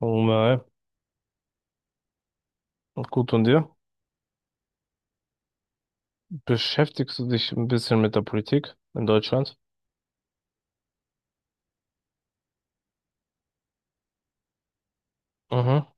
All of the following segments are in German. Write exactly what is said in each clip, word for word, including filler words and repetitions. Mal. Gut, und dir? Beschäftigst du dich ein bisschen mit der Politik in Deutschland? Mhm.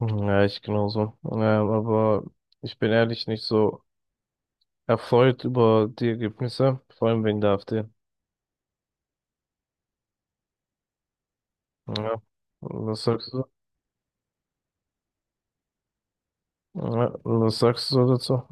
Ja, ich genauso. Ähm, aber ich bin ehrlich nicht so erfreut über die Ergebnisse, vor allem wegen der AfD. Ja. Was sagst du? Ja, was sagst du dazu?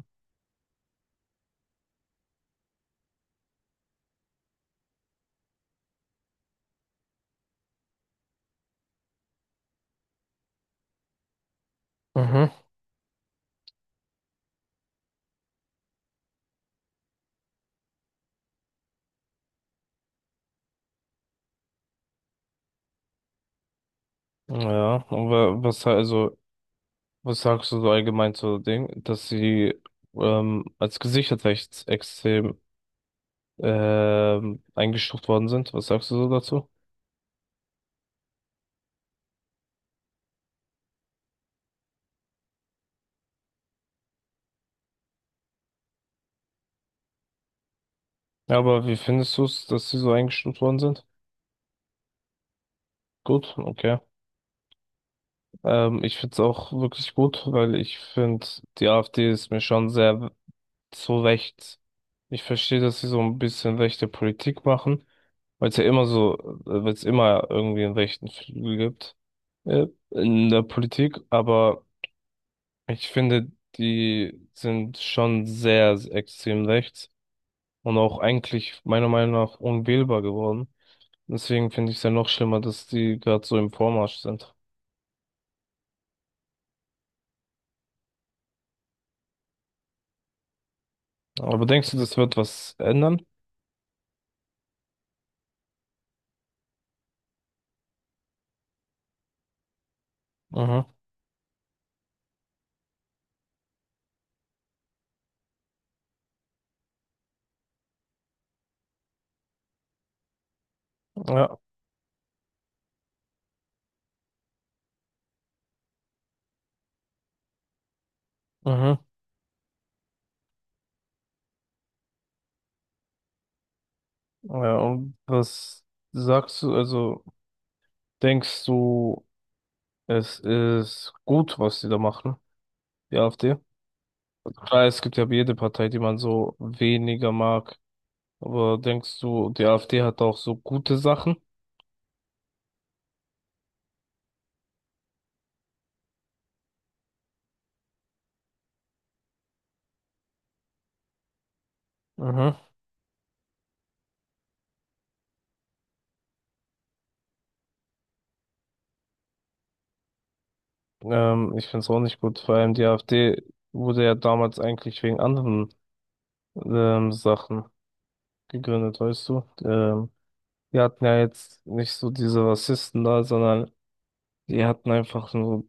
Mhm. Ja, aber was also, was sagst du so allgemein zu dem, dass sie ähm, als gesichert rechtsextrem ähm, eingestuft worden sind? Was sagst du so dazu? Ja, aber wie findest du es, dass sie so eingestuft worden sind? Gut, okay. Ähm, ich finde es auch wirklich gut, weil ich finde, die AfD ist mir schon sehr zu rechts. Ich verstehe, dass sie so ein bisschen rechte Politik machen, weil es ja immer so, weil es immer irgendwie einen rechten Flügel gibt, äh, in der Politik, aber ich finde, die sind schon sehr extrem rechts und auch eigentlich meiner Meinung nach unwählbar geworden. Deswegen finde ich es ja noch schlimmer, dass die gerade so im Vormarsch sind. Aber denkst du, das wird was ändern? Mhm. Ja. Mhm. Ja, und was sagst du, also denkst du, es ist gut, was die da machen, die AfD? Klar, es gibt ja jede Partei, die man so weniger mag. Aber denkst du, die AfD hat auch so gute Sachen? Mhm. Ähm, ich finde es auch nicht gut. Vor allem die AfD wurde ja damals eigentlich wegen anderen ähm, Sachen gegründet, weißt du? Ähm, die hatten ja jetzt nicht so diese Rassisten da, sondern die hatten einfach so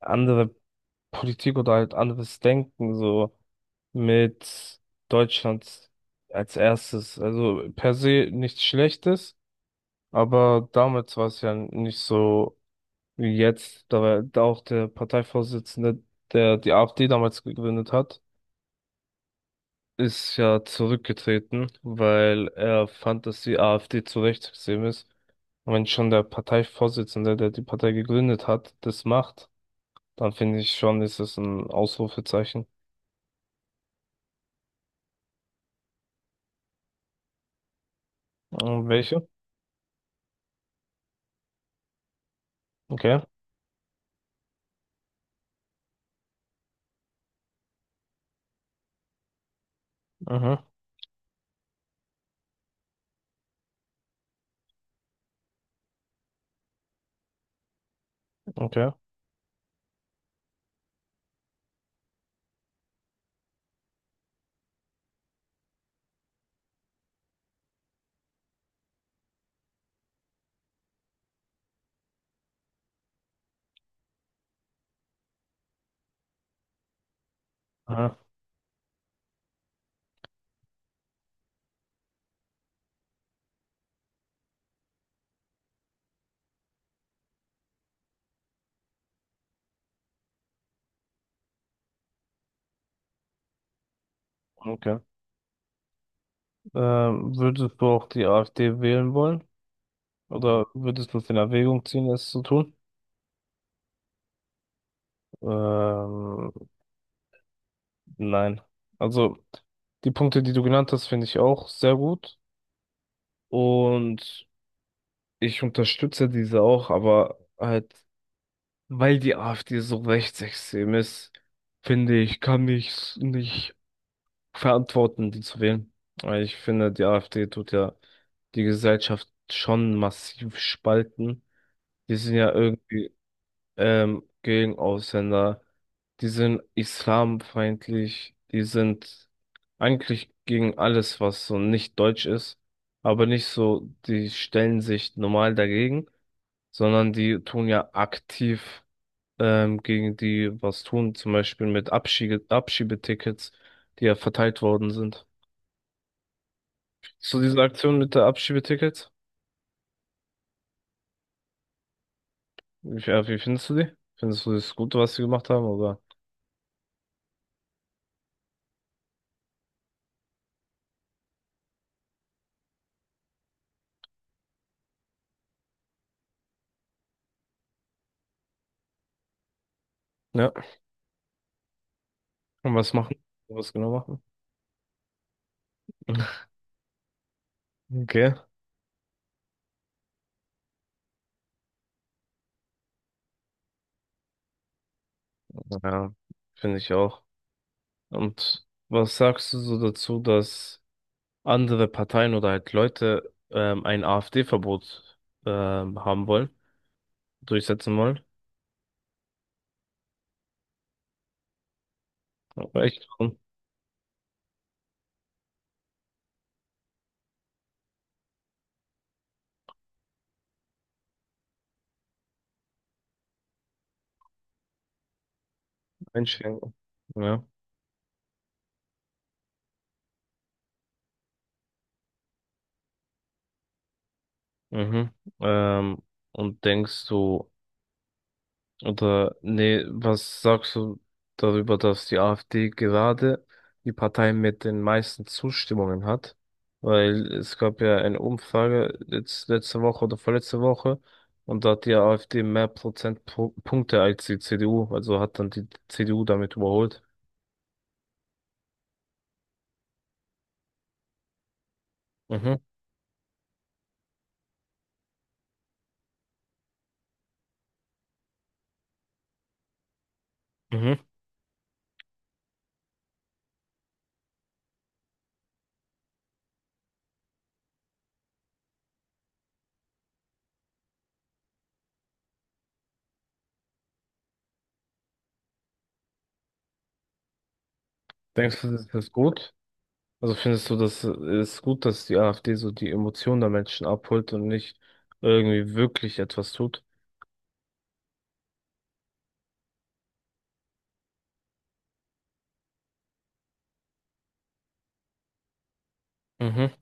andere Politik oder halt anderes Denken, so mit Deutschland als erstes. Also per se nichts Schlechtes, aber damals war es ja nicht so wie jetzt. Da war da auch der Parteivorsitzende, der die AfD damals gegründet hat. ist ja zurückgetreten, weil er fand, dass die AfD zu rechtsextrem ist. Und wenn schon der Parteivorsitzende, der die Partei gegründet hat, das macht, dann finde ich schon, ist es ein Ausrufezeichen. Und welche? Okay. Mhm. Okay. Aha. Okay. Ähm, würdest du auch die AfD wählen wollen? Oder würdest du es in Erwägung ziehen, es zu tun? Ähm, nein. Also, die Punkte, die du genannt hast, finde ich auch sehr gut. Und ich unterstütze diese auch, aber halt, weil die AfD so rechtsextrem ist, finde ich, kann ich es nicht verantworten, die zu wählen. Weil ich finde, die AfD tut ja die Gesellschaft schon massiv spalten. Die sind ja irgendwie ähm, gegen Ausländer, die sind islamfeindlich, die sind eigentlich gegen alles, was so nicht deutsch ist, aber nicht so, die stellen sich normal dagegen sondern die tun ja aktiv ähm, gegen die was tun, zum Beispiel mit Abschiebe Abschiebetickets, die ja verteilt worden sind. So diese Aktion mit der Abschiebetickets, wie, ja, wie findest du die? Findest du das Gute, was sie gemacht haben, oder? Ja, und was machen? Was genau machen? Okay, ja, finde ich auch. Und was sagst du so dazu, dass andere Parteien oder halt Leute ähm, ein AfD-Verbot ähm, haben wollen, durchsetzen wollen? Ja, Echt? Einschränken. Ja. Mhm. Ähm, und denkst du, oder nee, was sagst du darüber, dass die AfD gerade die Partei mit den meisten Zustimmungen hat? Weil es gab ja eine Umfrage letz- letzte Woche oder vorletzte Woche und da hat die AfD mehr Prozentpunkte als die C D U, also hat dann die C D U damit überholt. Mhm. Mhm. Denkst du, das ist gut? Also findest du, das äh, ist gut, dass die AfD so die Emotionen der Menschen abholt und nicht irgendwie wirklich etwas tut? Mhm.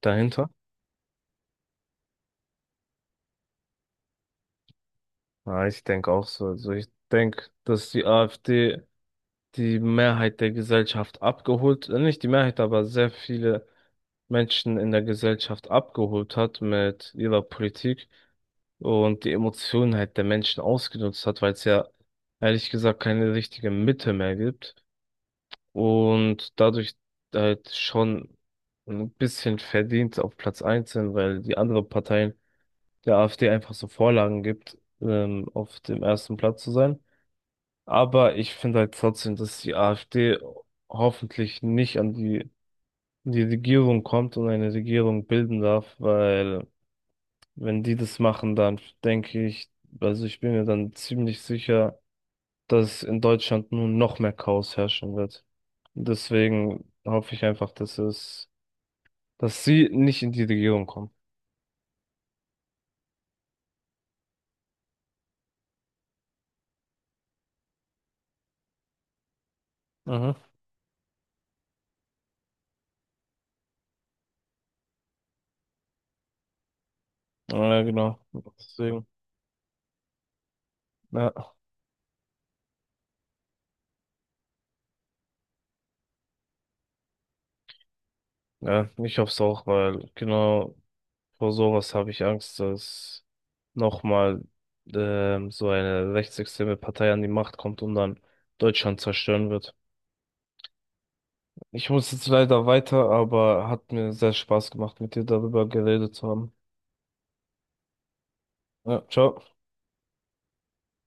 Dahinter? Ja, ich denke auch so. Also ich denke, dass die AfD die Mehrheit der Gesellschaft abgeholt, äh, nicht die Mehrheit, aber sehr viele Menschen in der Gesellschaft abgeholt hat mit ihrer Politik und die Emotionen halt der Menschen ausgenutzt hat, weil es ja ehrlich gesagt keine richtige Mitte mehr gibt. und dadurch halt schon ein bisschen verdient auf Platz eins sind, weil die anderen Parteien der AfD einfach so Vorlagen gibt, ähm, auf dem ersten Platz zu sein. Aber ich finde halt trotzdem, dass die AfD hoffentlich nicht an die, in die Regierung kommt und eine Regierung bilden darf, weil wenn die das machen, dann denke ich, also ich bin mir dann ziemlich sicher, dass in Deutschland nun noch mehr Chaos herrschen wird. Deswegen hoffe ich einfach, dass es, dass sie nicht in die Regierung kommen. Mhm. Ja, genau. Deswegen, ja, ja, ich hoffe es auch, weil genau vor sowas habe ich Angst, dass nochmal ähm, so eine rechtsextreme Partei an die Macht kommt und dann Deutschland zerstören wird. Ich muss jetzt leider weiter, aber hat mir sehr Spaß gemacht, mit dir darüber geredet zu haben. Ja, ciao.